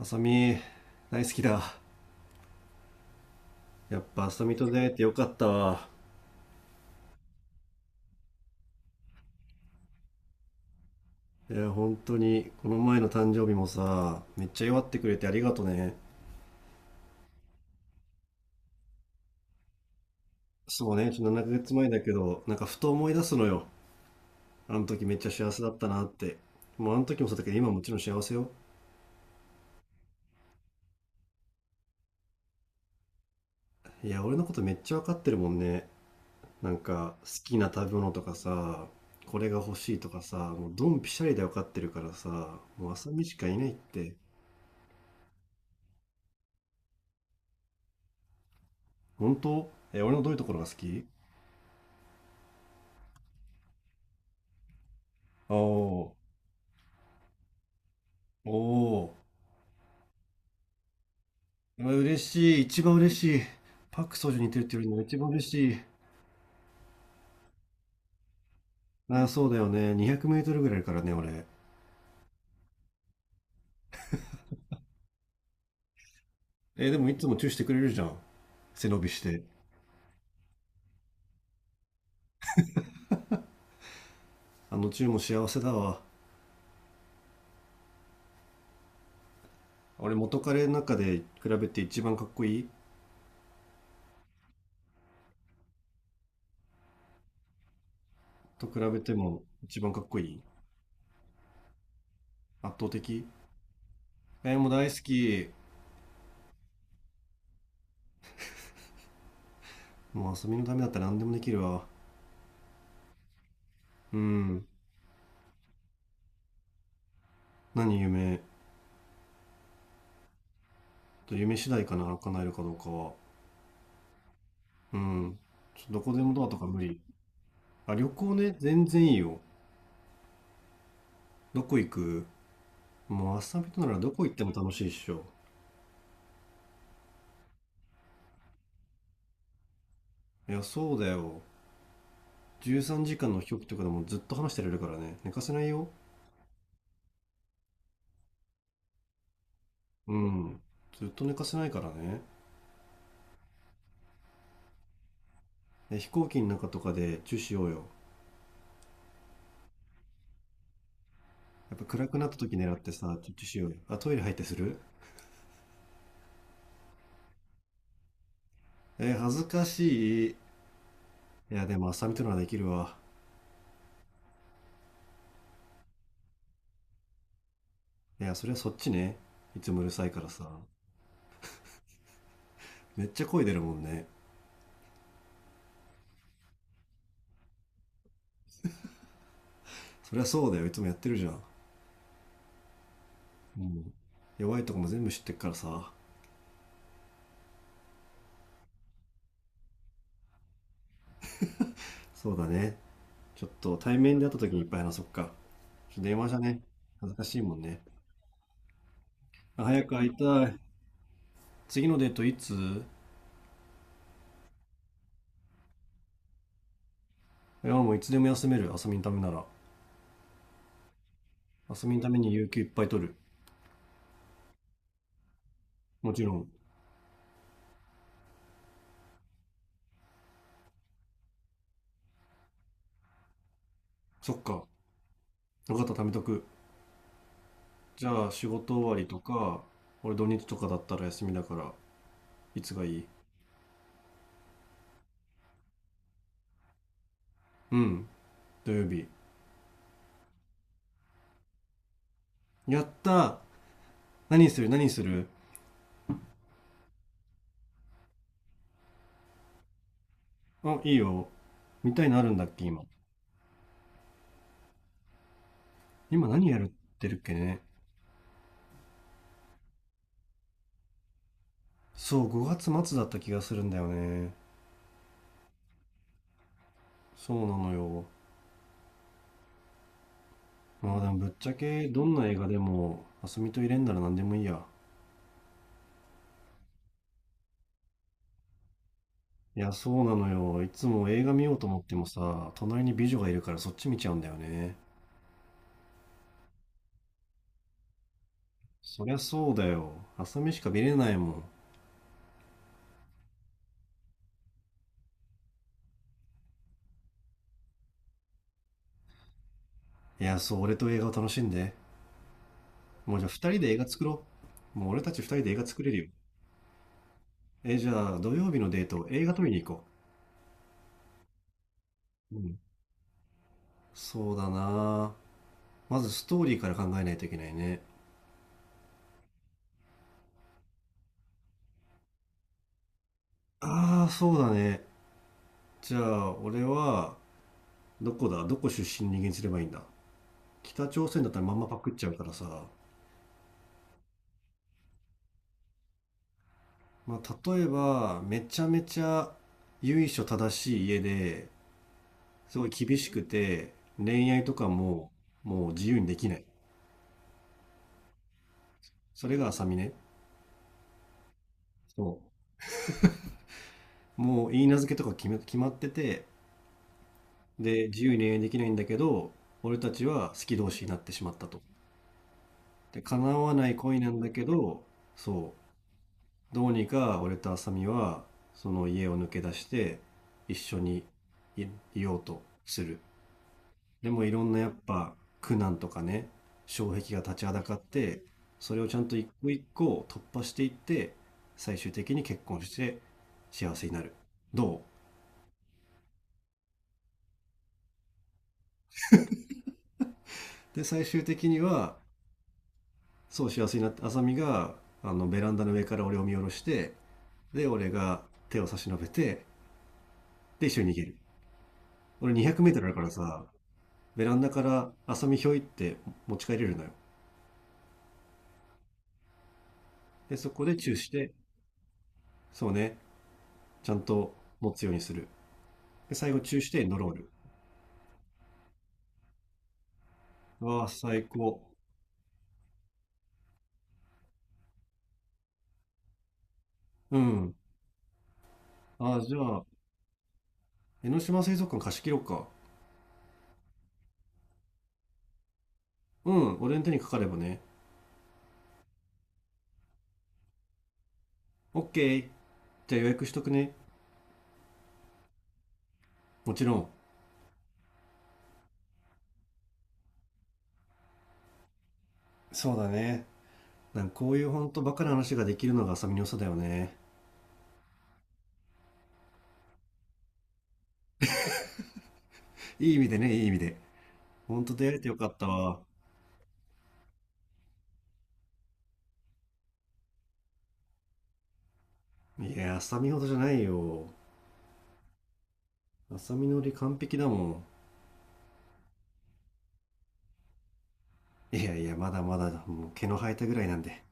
あさみ、大好きだ。やっぱあさみと出会えてよかったわ。いや、本当に、この前の誕生日もさ、めっちゃ祝ってくれてありがとね。そうね、ちょっと7ヶ月前だけど、なんかふと思い出すのよ。あの時めっちゃ幸せだったなって。もうあの時もそうだけど、今もちろん幸せよ。いや、俺のことめっちゃわかってるもんね。なんか、好きな食べ物とかさ、これが欲しいとかさ、もうドンピシャリでわかってるからさ、もうあさみしかいないって。本当？え、俺のどういうところが好き？ああー。おおー、嬉しい、一番嬉しい。パク・ソジュに似てるっていうのが一番嬉しい。ああ、そうだよね。200メートルぐらいあるからね、俺。でもいつもチューしてくれるじゃん。背伸びして。あのチューも幸せだわ。俺、元彼の中で比べて一番かっこいい。と比べても一番かっこいい。圧倒的。もう大好き。もう遊びのためだったら何でもできるわ。うん。何？夢？と夢次第かな、叶えるかどうかは。うん。どこでもドアとか無理。あ、旅行ね、全然いいよ。どこ行く？もう朝びとならどこ行っても楽しいっしょ。いや、そうだよ。13時間の飛行機とかでもずっと話してられるからね。寝かせないよ。うん。ずっと寝かせないからね。で、飛行機の中とかでチューしようよ。やっぱ暗くなった時狙ってさ、チュチュしようよ。あ、トイレ入ってする？えー、恥ずかしい。いや、でも朝びとならできるわ。いや、それはそっちね。いつもうるさいからさ。めっちゃ声出るもんね。そりゃそうだよ。いつもやってるじゃん。うん。弱いとこも全部知ってっからさ。そうだね。ちょっと対面で会った時にいっぱい話そっか。ちょっと電話じゃね。恥ずかしいもんね。あ、早く会いたい。次のデートいつ？いや、もういつでも休める。遊びのためなら。遊びのために有給いっぱい取る。もちろん。そっか。よかった、貯めとく。じゃあ、仕事終わりとか、俺土日とかだったら休みだから、いつがいい？うん、土曜日。やったー。何する何する？あ、いいよ。見たいのあるんだっけ、今？今何やるってるっけね。そう、5月末だった気がするんだよね。そうなのよ。まあでもぶっちゃけどんな映画でも、あすみと入れんなら何でもいいや。いや、そうなのよ。いつも映画見ようと思ってもさ、隣に美女がいるからそっち見ちゃうんだよね。そりゃそうだよ。あすみしか見れないもん。いや、そう、俺と映画を楽しんで。もうじゃあ二人で映画作ろう。もう俺たち二人で映画作れるよ。え、じゃあ土曜日のデート、映画撮りに行こう。うん。そうだな。まずストーリーから考えないといけないね。ああ、そうだね。じゃあ、俺は、どこだ？どこ出身の人間にすればいいんだ？北朝鮮だったらまんまパクっちゃうからさ、まあ、例えばめちゃめちゃ由緒正しい家で、すごい厳しくて、恋愛とかももう自由にできない。それが浅見ね。そう、もういい名付けとか決まってて、で自由に恋愛できないんだけど、俺たちは好き同士になってしまったと。で叶わない恋なんだけど、そう、どうにか俺と浅見はその家を抜け出して一緒にいようとする。でもいろんなやっぱ苦難とかね、障壁が立ちはだかって、それをちゃんと一個一個突破していって、最終的に結婚して幸せになる。どう？で最終的にはそう幸せになって、浅見があのベランダの上から俺を見下ろして、で俺が手を差し伸べて、で一緒に逃げる。俺 200m だからさ、ベランダから浅見ひょいって持ち帰れるのよ。で、そこでチューして、そうね、ちゃんと持つようにする。で、最後チューしてノロール。わあ、最高。うん。ああ、じゃあ、江ノ島水族館貸し切ろうか。うん、俺の手にかかればね。オッケー。じゃあ予約しとくね。もちろん。そうだね。なんかこういうほんとバカな話ができるのが浅見の良さだよね。いい意味でね、いい意味で。ほんと出会えてよかったわ。いや、浅見ほどじゃないよ。浅見のり完璧だもん。いやいや、まだまだ、もう毛の生えたぐらいなんで。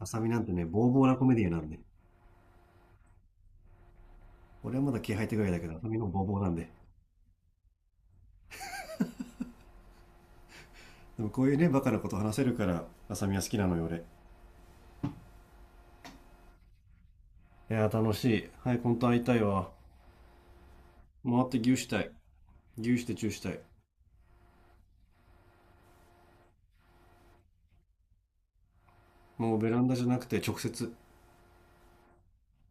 あさなんてね、ボーボーなコメディアンなんで。俺はまだ毛生えたぐらいだけど、あさみのボーボーなんで。でもこういうね、バカなこと話せるから、あさは好きなのよ、俺。いやー、楽しい。はい、本当会いたいわ。もう会って牛したい。牛してチューしたい。もうベランダじゃなくて直接。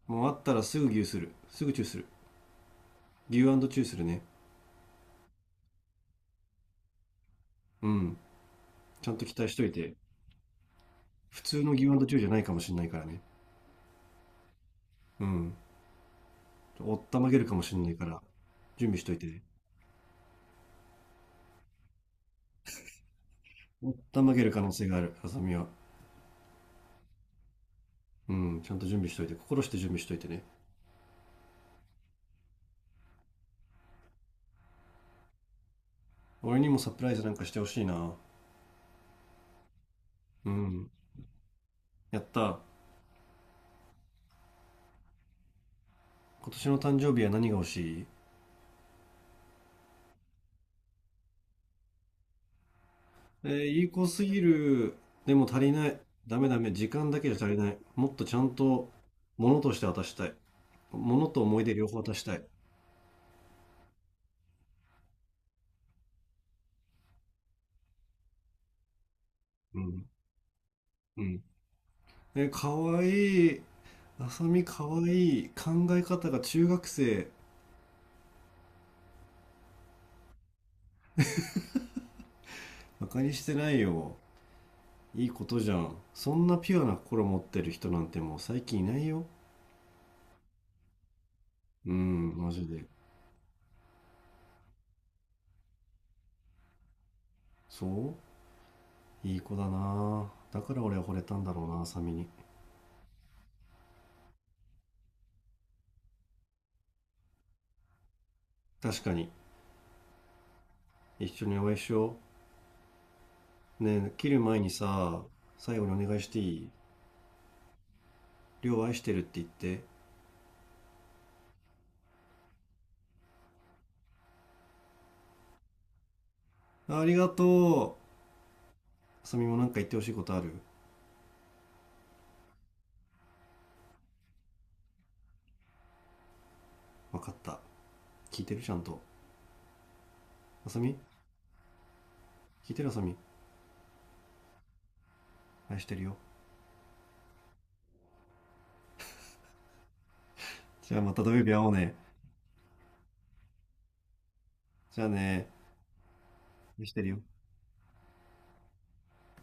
もう会ったらすぐ牛する。すぐチューする。牛チューするね。うん。ちゃんと期待しといて。普通の牛チューじゃないかもしんないからね。うん。おったまげるかもしんないから、準備しといてね。おったまげる可能性がある、あさみは。うん、ちゃんと準備しといて、心して準備しといてね。俺にもサプライズなんかしてほしいな。うん。やった。今年の誕生日は何が欲しい？えー、いい子すぎる。でも足りない。ダメダメ。時間だけじゃ足りない。もっとちゃんと、物として渡したい。物と思い出両方渡したい。うん。うん。えー、かわいい。あさみかわいい。考え方が中学生。馬鹿にしてないよ。いいことじゃん。そんなピュアな心持ってる人なんてもう最近いないよ。うん、マジで。そう、いい子だな。だから俺は惚れたんだろうな、サミに。確かに。一緒にお会いしよう。ねえ、切る前にさ、最後にお願いしていい？りょう愛してるって言って。ありがとう。あさみもなんか言ってほしいことある？わかった。聞いてる、ちゃんと。あさみ。聞いてる？あさみ、愛してるよ。じゃあまた土曜日会おうね。じゃあね。愛してるよ。